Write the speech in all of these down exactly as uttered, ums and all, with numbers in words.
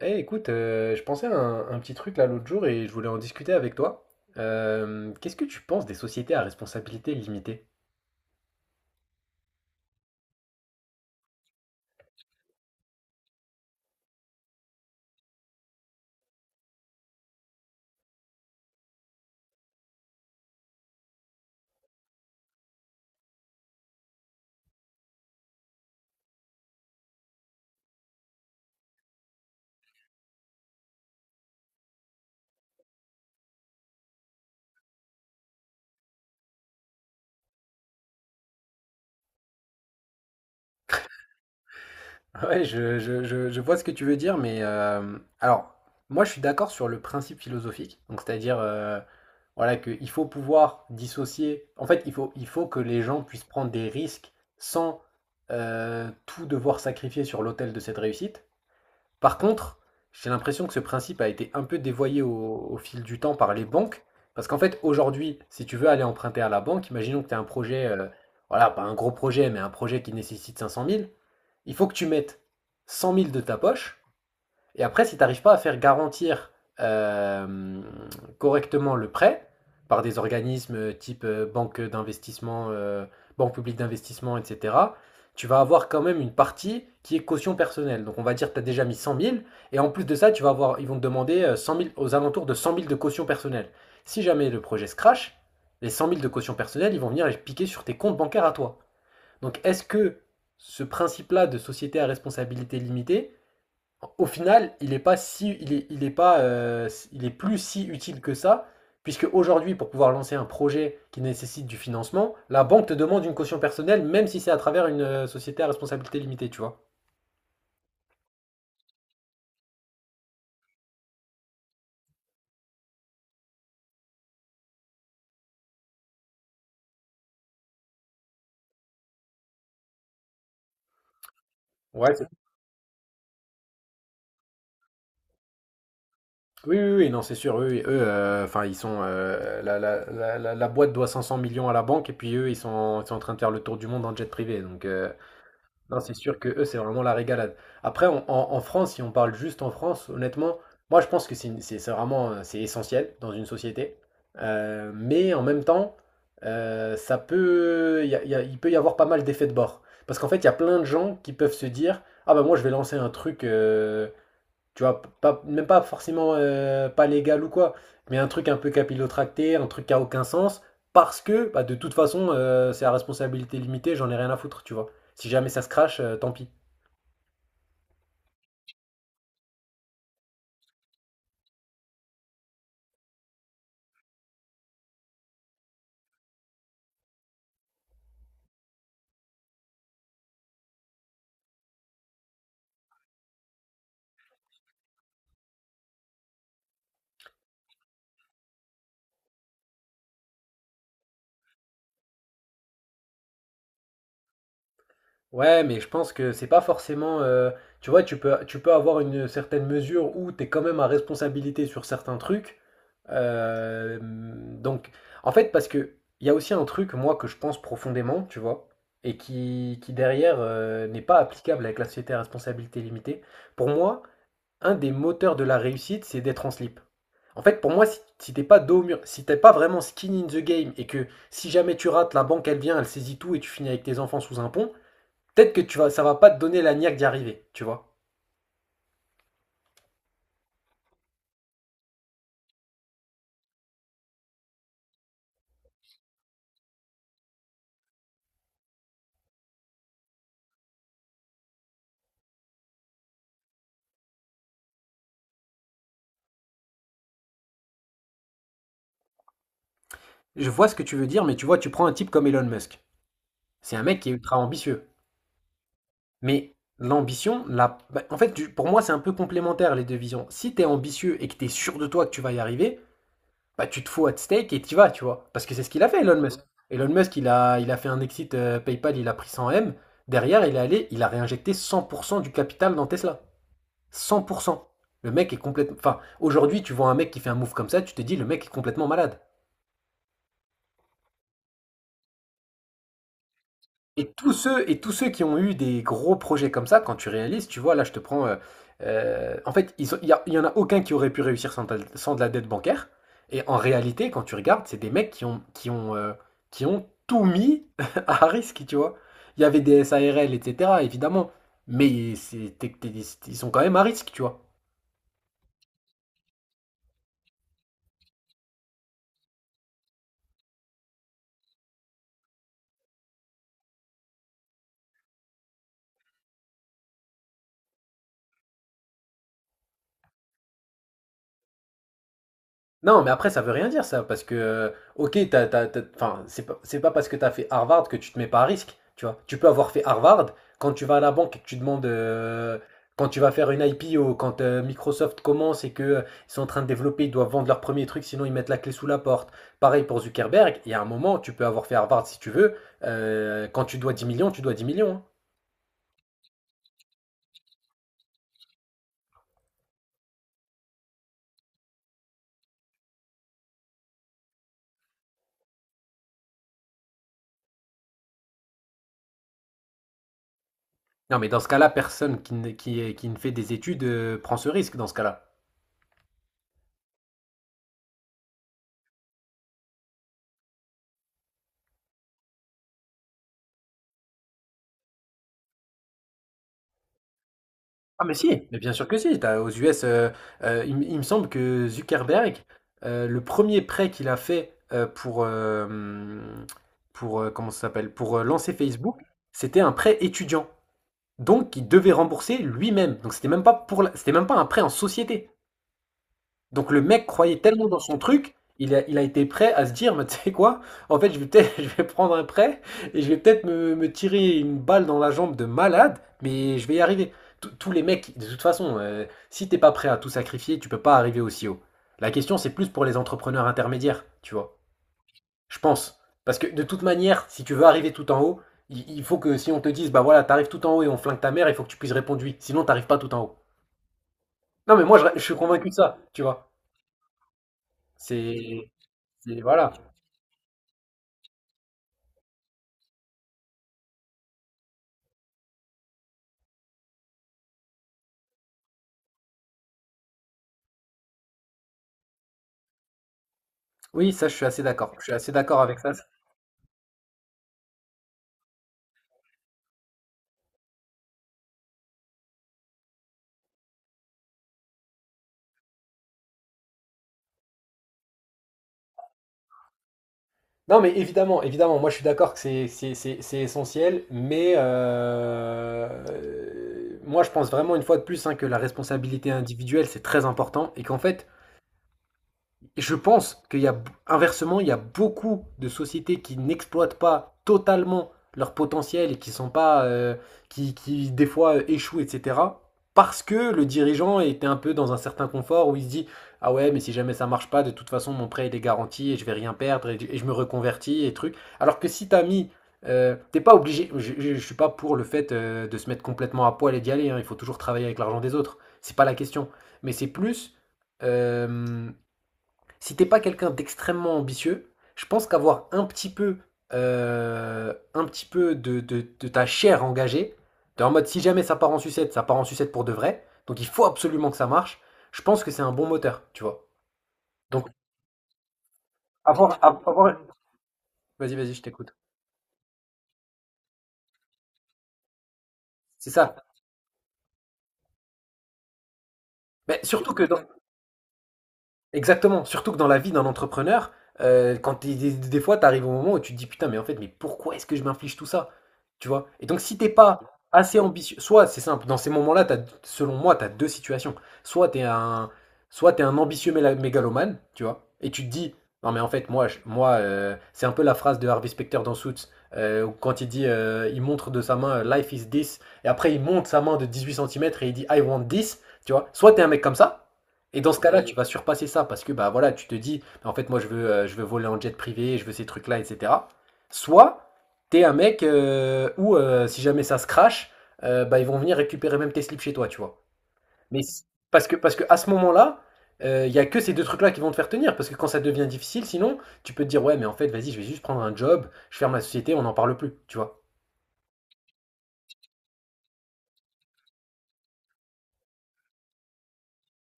Eh, écoute, euh, je pensais à un, un petit truc là l'autre jour et je voulais en discuter avec toi. Euh, qu'est-ce que tu penses des sociétés à responsabilité limitée? Ouais, je, je- je- je vois ce que tu veux dire, mais euh, alors, moi je suis d'accord sur le principe philosophique, donc c'est-à-dire, euh, voilà, qu'il faut pouvoir dissocier. En fait, il faut, il faut que les gens puissent prendre des risques sans euh, tout devoir sacrifier sur l'autel de cette réussite. Par contre, j'ai l'impression que ce principe a été un peu dévoyé au, au fil du temps par les banques. Parce qu'en fait, aujourd'hui, si tu veux aller emprunter à la banque, imaginons que tu as un projet, euh, voilà, pas un gros projet, mais un projet qui nécessite cinq cent mille. Il faut que tu mettes cent mille de ta poche. Et après, si tu n'arrives pas à faire garantir euh, correctement le prêt par des organismes euh, type euh, banque d'investissement, euh, banque publique d'investissement, et cetera, tu vas avoir quand même une partie qui est caution personnelle. Donc on va dire que tu as déjà mis cent mille, et en plus de ça, tu vas avoir, ils vont te demander euh, cent mille, aux alentours de cent mille de caution personnelle. Si jamais le projet se crache, les cent mille de caution personnelle, ils vont venir les piquer sur tes comptes bancaires à toi. Donc est-ce que ce principe-là de société à responsabilité limitée, au final, il est pas si, il est, il est pas, euh, il est plus si utile que ça, puisque aujourd'hui, pour pouvoir lancer un projet qui nécessite du financement, la banque te demande une caution personnelle, même si c'est à travers une euh, société à responsabilité limitée, tu vois. Ouais, c'est- oui, oui, oui, non, c'est sûr. Eux, et- eux, euh, enfin, ils sont, euh, la, la- la- la- la boîte doit 500 millions à la banque, et puis eux, ils sont, ils sont en train de faire le tour du monde en jet privé. Donc, euh, Non, c'est sûr que eux, c'est vraiment la régalade. Après, on- en, en France, si on parle juste en France, honnêtement, moi, je pense que c'est une- c'est- c'est vraiment euh, c'est essentiel dans une société. Euh, mais en même temps, euh, ça peut, il y a- il y a- il peut y avoir pas mal d'effets de bord. Parce qu'en fait, il y a plein de gens qui peuvent se dire, ah bah moi, je vais lancer un truc, euh, tu vois, pas, même pas forcément euh, pas légal ou quoi, mais un truc un peu capillotracté, un truc qui a aucun sens, parce que bah, de toute façon, euh, c'est à responsabilité limitée, j'en ai rien à foutre, tu vois. Si jamais ça se crache, euh, tant pis. Ouais, mais je pense que c'est pas forcément. Euh, tu vois, tu peux, tu peux avoir une certaine mesure où tu es quand même à responsabilité sur certains trucs. Euh, donc, en fait, parce que il y a aussi un truc, moi, que je pense profondément, tu vois, et qui, qui derrière euh, n'est pas applicable avec la société à responsabilité limitée. Pour moi, un des moteurs de la réussite, c'est d'être en slip. En fait, pour moi, si, si t'es pas dos au mur, si t'es pas vraiment skin in the game, et que si jamais tu rates, la banque, elle vient, elle saisit tout, et tu finis avec tes enfants sous un pont. Peut-être que tu vas, ça va pas te donner la niaque d'y arriver, tu vois. Je vois ce que tu veux dire, mais tu vois, tu prends un type comme Elon Musk. C'est un mec qui est ultra ambitieux. Mais l'ambition, la... bah, en fait, tu- pour moi, c'est un peu complémentaire, les deux visions. Si tu es ambitieux et que tu es sûr de toi que tu vas y arriver, bah, tu te fous at stake et tu vas, tu vois. Parce que c'est ce qu'il a fait, Elon Musk. Elon Musk, il a, il a fait un exit euh, PayPal, il a pris cent millions M. Derrière, il est allé, il a réinjecté cent pour cent du capital dans Tesla. cent pour cent. Le mec est complètement... Enfin, aujourd'hui, tu vois un mec qui fait un move comme ça, tu te dis, le mec est complètement malade. Et tous ceux, et tous ceux qui ont eu des gros projets comme ça, quand tu réalises, tu vois, là, je te prends. Euh, euh, en fait, ils ont- il n'y y en a aucun qui aurait pu réussir sans, de- la- sans de la dette bancaire. Et en réalité, quand tu regardes, c'est des mecs qui ont, qui ont, euh, qui ont tout mis à risque, tu vois. Il y avait des S A R L, et cetera, évidemment. Mais c'est- t'es- t'es- ils sont quand même à risque, tu vois. Non, mais après, ça veut rien dire ça, parce que, euh, ok, t'as, t'as- t'as- enfin, c'est pas, c'est pas parce que t'as fait Harvard que tu te mets pas à risque, tu vois. Tu peux avoir fait Harvard, quand tu vas à la banque et que tu demandes, euh, quand tu vas faire une I P O, quand euh, Microsoft commence et que euh, ils sont en train de développer, ils doivent vendre leur premier truc, sinon ils mettent la clé sous la porte. Pareil pour Zuckerberg, il y a un moment, tu peux avoir fait Harvard si tu veux, euh, quand tu dois dix millions, tu dois dix millions, hein. Non, mais dans ce cas-là, personne qui ne, qui, qui ne fait des études, euh, prend ce risque dans ce cas-là. Ah mais si, mais bien sûr que si. T'as, aux U S, euh, euh, il, m- il me semble que Zuckerberg, euh, le premier prêt qu'il a fait euh, pour, euh, pour euh, comment ça s'appelle, pour euh, lancer Facebook, c'était un prêt étudiant. Donc il devait rembourser lui-même. Donc c'était même pas pour la- c'était même pas un prêt en société. Donc le mec croyait tellement dans son truc, il a, il a été prêt à se dire, mais tu sais quoi, en fait je vais peut-être, je vais prendre un prêt et je vais peut-être me, me tirer une balle dans la jambe de malade, mais je vais y arriver. Tous tous les mecs, de toute façon, euh, si t'es pas prêt à tout sacrifier, tu peux pas arriver aussi haut. La question c'est plus pour les entrepreneurs intermédiaires, tu vois, je pense. Parce que de toute manière, si tu veux arriver tout en haut, il, il faut que si on te dise, bah voilà, t'arrives tout en haut et on flingue ta mère, il faut que tu puisses répondre oui, sinon t'arrives pas tout en haut. Non mais moi, je, je suis convaincu de ça, tu vois. C'est... C'est- Voilà. Oui, ça, je suis assez d'accord. Je suis assez d'accord avec ça. Non, mais évidemment, évidemment, moi je suis d'accord que c'est c'est- c'est- c'est essentiel, mais euh, euh, moi je pense vraiment une fois de plus, hein, que la responsabilité individuelle c'est très important et qu'en fait je pense qu'il y a, inversement, il y a beaucoup de sociétés qui n'exploitent pas totalement leur potentiel et qui sont pas euh, qui, qui, des fois euh, échouent, et cetera. Parce que le dirigeant était un peu dans un certain confort où il se dit, ah ouais mais si jamais ça marche pas, de toute façon mon prêt il est garanti et je vais rien perdre, et, et je me reconvertis et trucs. Alors que si t'as mis euh, t'es pas obligé, je ne suis pas pour le fait euh, de se mettre complètement à poil et d'y aller, hein. Il faut toujours travailler avec l'argent des autres, c'est pas la question, mais c'est plus, euh, si t'es pas quelqu'un d'extrêmement ambitieux, je pense qu'avoir un petit peu, euh, un petit peu de, de- de ta chair engagée, de- en mode si jamais ça part en sucette, ça part en sucette pour de vrai, donc il faut absolument que ça marche, je pense que c'est un bon moteur, tu vois. Donc avoir, avoir... Vas-y, vas-y, je t'écoute. C'est ça. Mais surtout que dans, Exactement, surtout que dans la vie d'un entrepreneur, heu, quand tu des des fois, tu arrives au moment où tu te dis: «Putain, mais en fait, mais pourquoi est-ce que je m'inflige tout ça?» Tu vois? Et donc si t'es pas assez ambitieux, soit c'est simple, dans ces moments-là, t'as, selon moi, tu as deux situations. Soit tu es un Soit t'es un ambitieux méla mégalomane, tu vois? Et tu te dis: «Non mais en fait, moi je moi, heu», c'est un peu la phrase de Harvey Specter dans Suits, euh, où quand il dit, heu, il montre de sa main, heu: «Life is this», et après il monte sa main de dix-huit centimètres et il dit: «I want this», tu vois? Soit tu es un mec comme ça, et dans ce cas-là, tu vas surpasser ça parce que bah voilà, tu te dis bah, en fait moi je veux euh, je veux voler en jet privé, je veux ces trucs-là, et cetera. Soit t'es un mec euh, où euh, si jamais ça se crache, euh, bah ils vont venir récupérer même tes slips chez toi, tu vois. Parce que parce que à ce moment-là, il y a que ces deux trucs-là qui vont te faire tenir. Parce que quand ça devient difficile, sinon tu peux te dire ouais mais en fait vas-y je vais juste prendre un job, je ferme la société, on n'en parle plus, tu vois.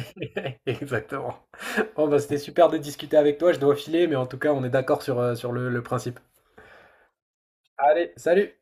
Exactement. Bon bah, c'était super de discuter avec toi, je dois filer, mais en tout cas on est d'accord sur, euh, sur le, le principe. Allez, salut!